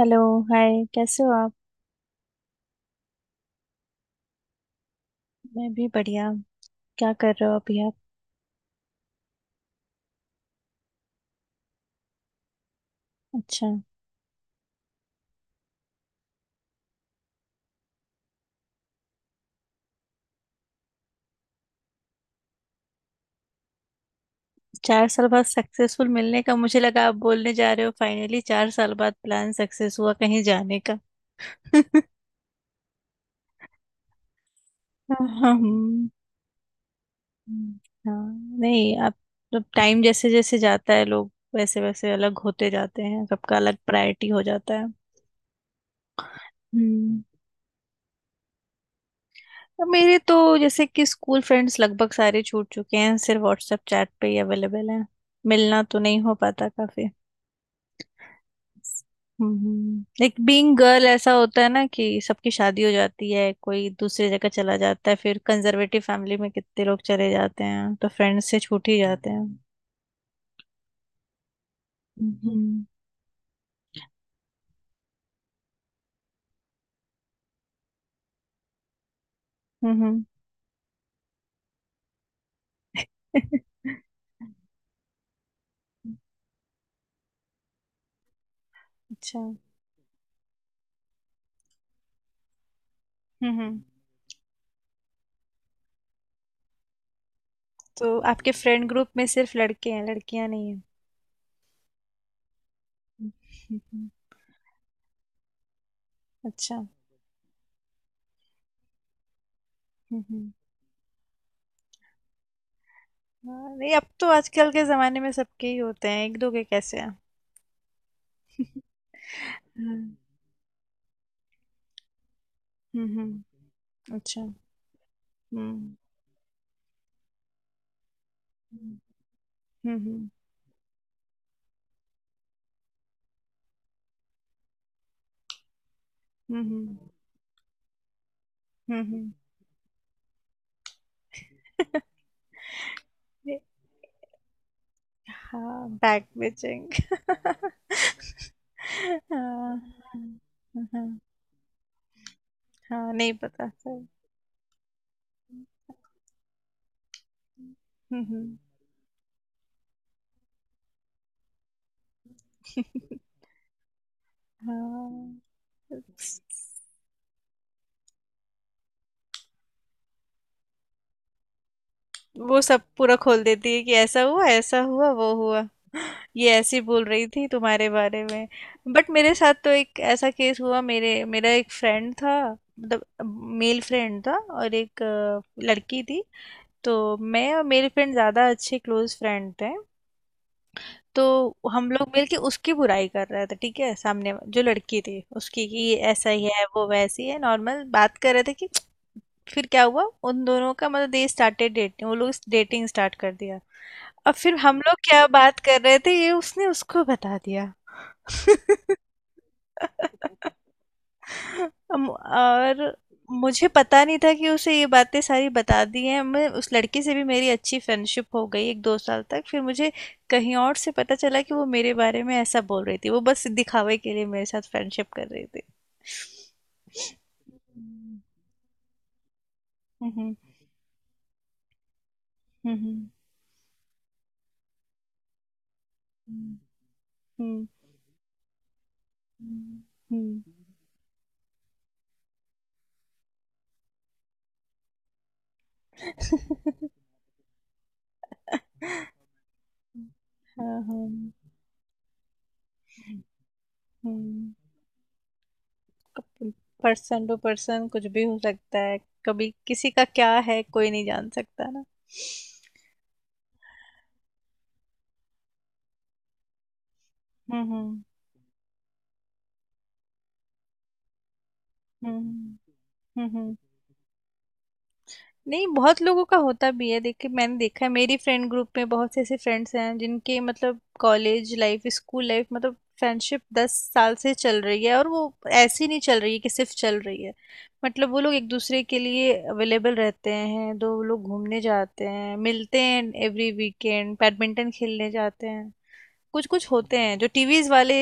Hello. Hi, कैसे हो आप? मैं भी बढ़िया। क्या कर रहे हो अभी आप? अच्छा। 4 साल बाद सक्सेसफुल मिलने का, मुझे लगा आप बोलने जा रहे हो फाइनली 4 साल बाद प्लान सक्सेस हुआ कहीं जाने का। हम्म। हाँ नहीं आप। तो टाइम जैसे जैसे जाता है लोग वैसे वैसे अलग होते जाते हैं, सबका अलग प्रायोरिटी हो जाता है। हम्म। अब मेरे तो जैसे कि स्कूल फ्रेंड्स लगभग सारे छूट चुके हैं, सिर्फ व्हाट्सएप चैट पे ही अवेलेबल हैं। मिलना तो नहीं हो पाता काफी। लाइक बीइंग गर्ल ऐसा होता है ना कि सबकी शादी हो जाती है, कोई दूसरी जगह चला जाता है, फिर कंजर्वेटिव फैमिली में कितने लोग चले जाते हैं तो फ्रेंड्स से छूट ही जाते हैं। हम्म। हम्म। अच्छा। हम्म। हम्म। तो आपके फ्रेंड ग्रुप में सिर्फ लड़के हैं, लड़कियां नहीं हैं? हम्म। अच्छा। हम्म। हम्म। हाँ, नहीं अब तो आजकल के जमाने में सबके ही होते हैं। एक दो के कैसे हैं? हम्म। हम्म। अच्छा। हम्म। हम्म। हम्म। हम्म। हम्म। ये- हाँ, बैक बेचिंग। हाँ हाँ। हाँ, नहीं पता सर। हम्म। हाँ। वो सब पूरा खोल देती है कि ऐसा हुआ वो हुआ, ये ऐसी बोल रही थी तुम्हारे बारे में। बट मेरे साथ तो एक ऐसा केस हुआ, मेरे मेरा एक फ्रेंड था। मतलब मेल फ्रेंड था, और एक लड़की थी। तो मैं और मेरे फ्रेंड ज़्यादा अच्छे क्लोज फ्रेंड थे। तो हम लोग मिलके उसकी बुराई कर रहे थे, ठीक है, जो लड़की थी उसकी, कि ये ऐसा ही है वो वैसी है, नॉर्मल बात कर रहे थे कि फिर क्या हुआ, उन दोनों का मतलब दे स्टार्टेड डेटिंग, वो लोग डेटिंग स्टार्ट कर दिया। अब फिर हम लोग क्या बात कर रहे थे ये उसने उसको बता दिया। और मुझे पता नहीं था कि उसे ये बातें सारी बता दी हैं। मैं उस लड़के से भी मेरी अच्छी फ्रेंडशिप हो गई एक दो साल तक, फिर मुझे कहीं और से पता चला कि वो मेरे बारे में ऐसा बोल रही थी, वो बस दिखावे के लिए मेरे साथ फ्रेंडशिप कर रही थी। हम्म। हम्म। हम्म। हम्म। हम्म। हम्म। हम्म। हाँ, हाँ। हम्म। पर्सन टू पर्सन कुछ भी हो सकता है। कभी किसी का क्या है, कोई नहीं जान सकता ना। हम्म। हम्म। हम्म। हम्म। नहीं, बहुत लोगों का होता भी है। देखिए मैंने देखा है, मेरी फ्रेंड ग्रुप में बहुत से ऐसे फ्रेंड्स हैं जिनके मतलब कॉलेज लाइफ स्कूल लाइफ मतलब फ्रेंडशिप 10 साल से चल रही है, और वो ऐसी नहीं चल रही है कि सिर्फ चल रही है। मतलब वो लोग एक दूसरे के लिए अवेलेबल रहते हैं, दो लोग घूमने जाते हैं, मिलते हैं, एवरी वीकेंड बैडमिंटन खेलने जाते हैं। कुछ कुछ होते हैं जो टीवीज वाले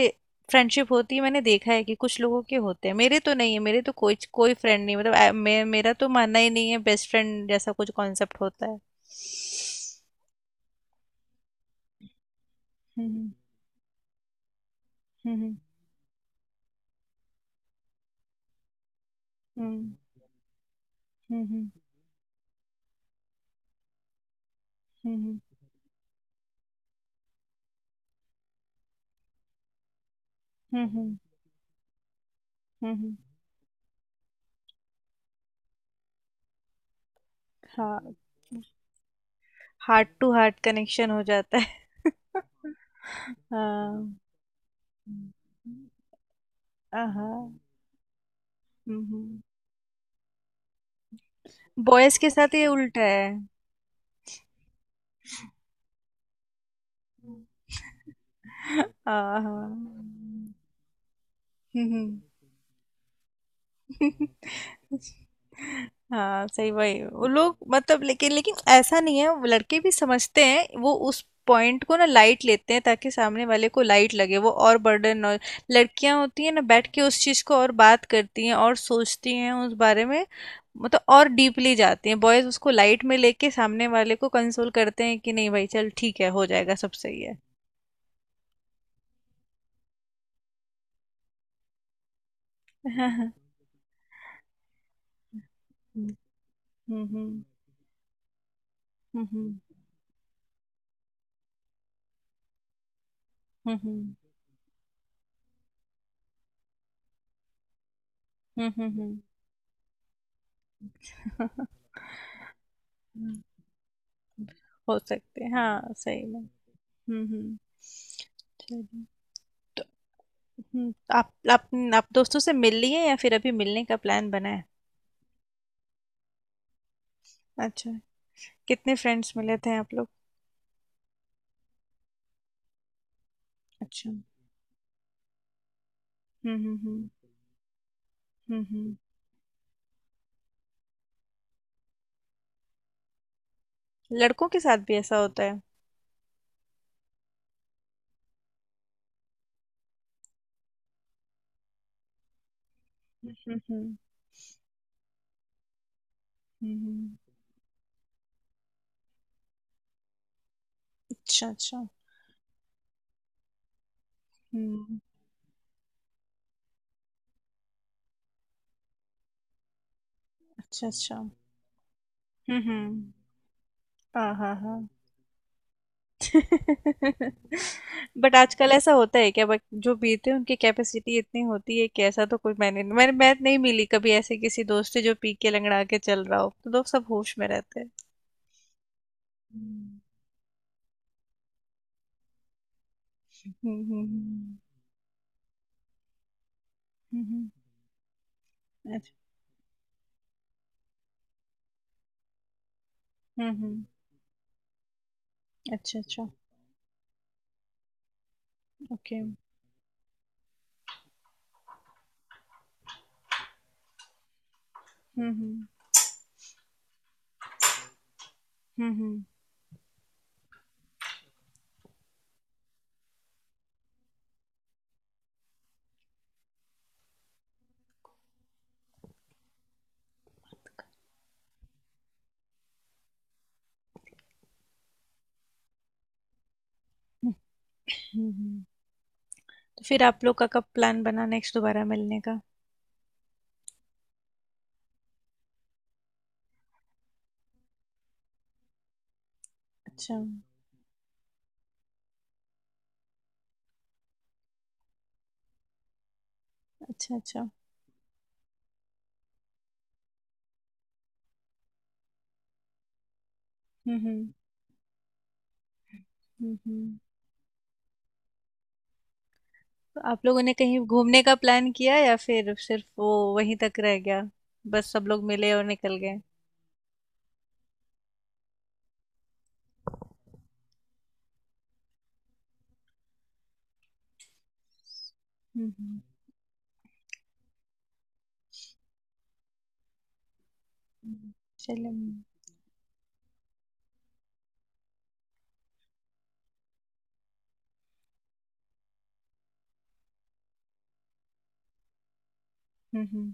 फ्रेंडशिप होती है, मैंने देखा है कि कुछ लोगों के होते हैं, मेरे तो नहीं है। मेरे तो कोई कोई फ्रेंड नहीं, मतलब मेरा तो मानना ही नहीं है बेस्ट फ्रेंड जैसा कुछ कॉन्सेप्ट होता है। हम्म। हम्म। हम्म। हम्म। हम्म। हम्म। हम्म। हम्म। हाँ। हार्ट टू हार्ट कनेक्शन हो जाता है। हाँ। हाँ। बॉयज के साथ ये उल्टा है। हाँ। हम्म। हाँ सही, वही वो लोग मतलब लेकिन लेकिन ऐसा नहीं है, वो लड़के भी समझते हैं, वो उस पॉइंट को ना लाइट लेते हैं ताकि सामने वाले को लाइट लगे वो और बर्डन और। लड़कियां होती हैं ना बैठ के उस चीज को और बात करती हैं और सोचती हैं उस बारे में, मतलब और डीपली जाती हैं। बॉयज उसको लाइट में लेके सामने वाले को कंसोल करते हैं कि नहीं भाई चल ठीक है हो जाएगा सब सही है। हाँ, हाँ। हम्म। हम्म। हम्म। हम्म। हम्म। हम्म। हम्म। हम्म। हम्म। हम्म। हो सकते हैं, हाँ सही में। हम्म। हम्म। चलिए। तो आप आप दोस्तों से मिल लिए या फिर अभी मिलने का प्लान बना है? अच्छा। कितने फ्रेंड्स मिले थे आप लोग? अच्छा। हम्म। हम्म। हम्म। हम्म। हम्म। लड़कों के साथ भी ऐसा होता है। हम्म। हम्म। हम्म। हम्म। हम्म। अच्छा, अच्छा। हम्म। अच्छा, अच्छा। हम्म। हम्म। हाँ, हाँ, हाँ। बट आजकल ऐसा होता है क्या? बट जो पीते हैं उनकी कैपेसिटी इतनी होती है कि ऐसा तो कोई, मैंने मैंने मैं नहीं मिली कभी ऐसे किसी दोस्त से जो पी के लंगड़ा के चल रहा हो। तो दोस्त सब होश में रहते हैं। हम्म। हम्म। हम्म। हम्म। हम्म। अच्छा। हम्म। हम्म। अच्छा, अच्छा। ओके। हम्म। हम्म। हम्म। हम्म। हम्म। हम्म। तो फिर आप लोग का कब प्लान बना नेक्स्ट दोबारा मिलने का? अच्छा। अच्छा। अच्छा। हम्म। हम्म। हम्म। तो आप लोगों ने कहीं घूमने का प्लान किया या फिर सिर्फ वो वहीं तक रह गया? बस सब लोग मिले और निकल गए? हम्म। हम्म। हम्म। चलो। हम्म। हम्म।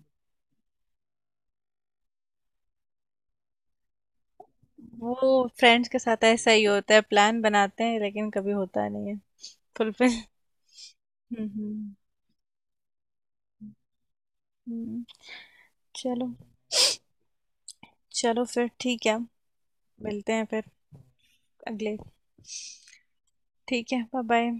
वो फ्रेंड्स के साथ ऐसा ही होता है, प्लान बनाते हैं लेकिन कभी होता नहीं है फुलफिल। हम्म। हम्म। हम्म। चलो। चलो फिर ठीक है, मिलते हैं फिर अगले। ठीक है, बाय बाय।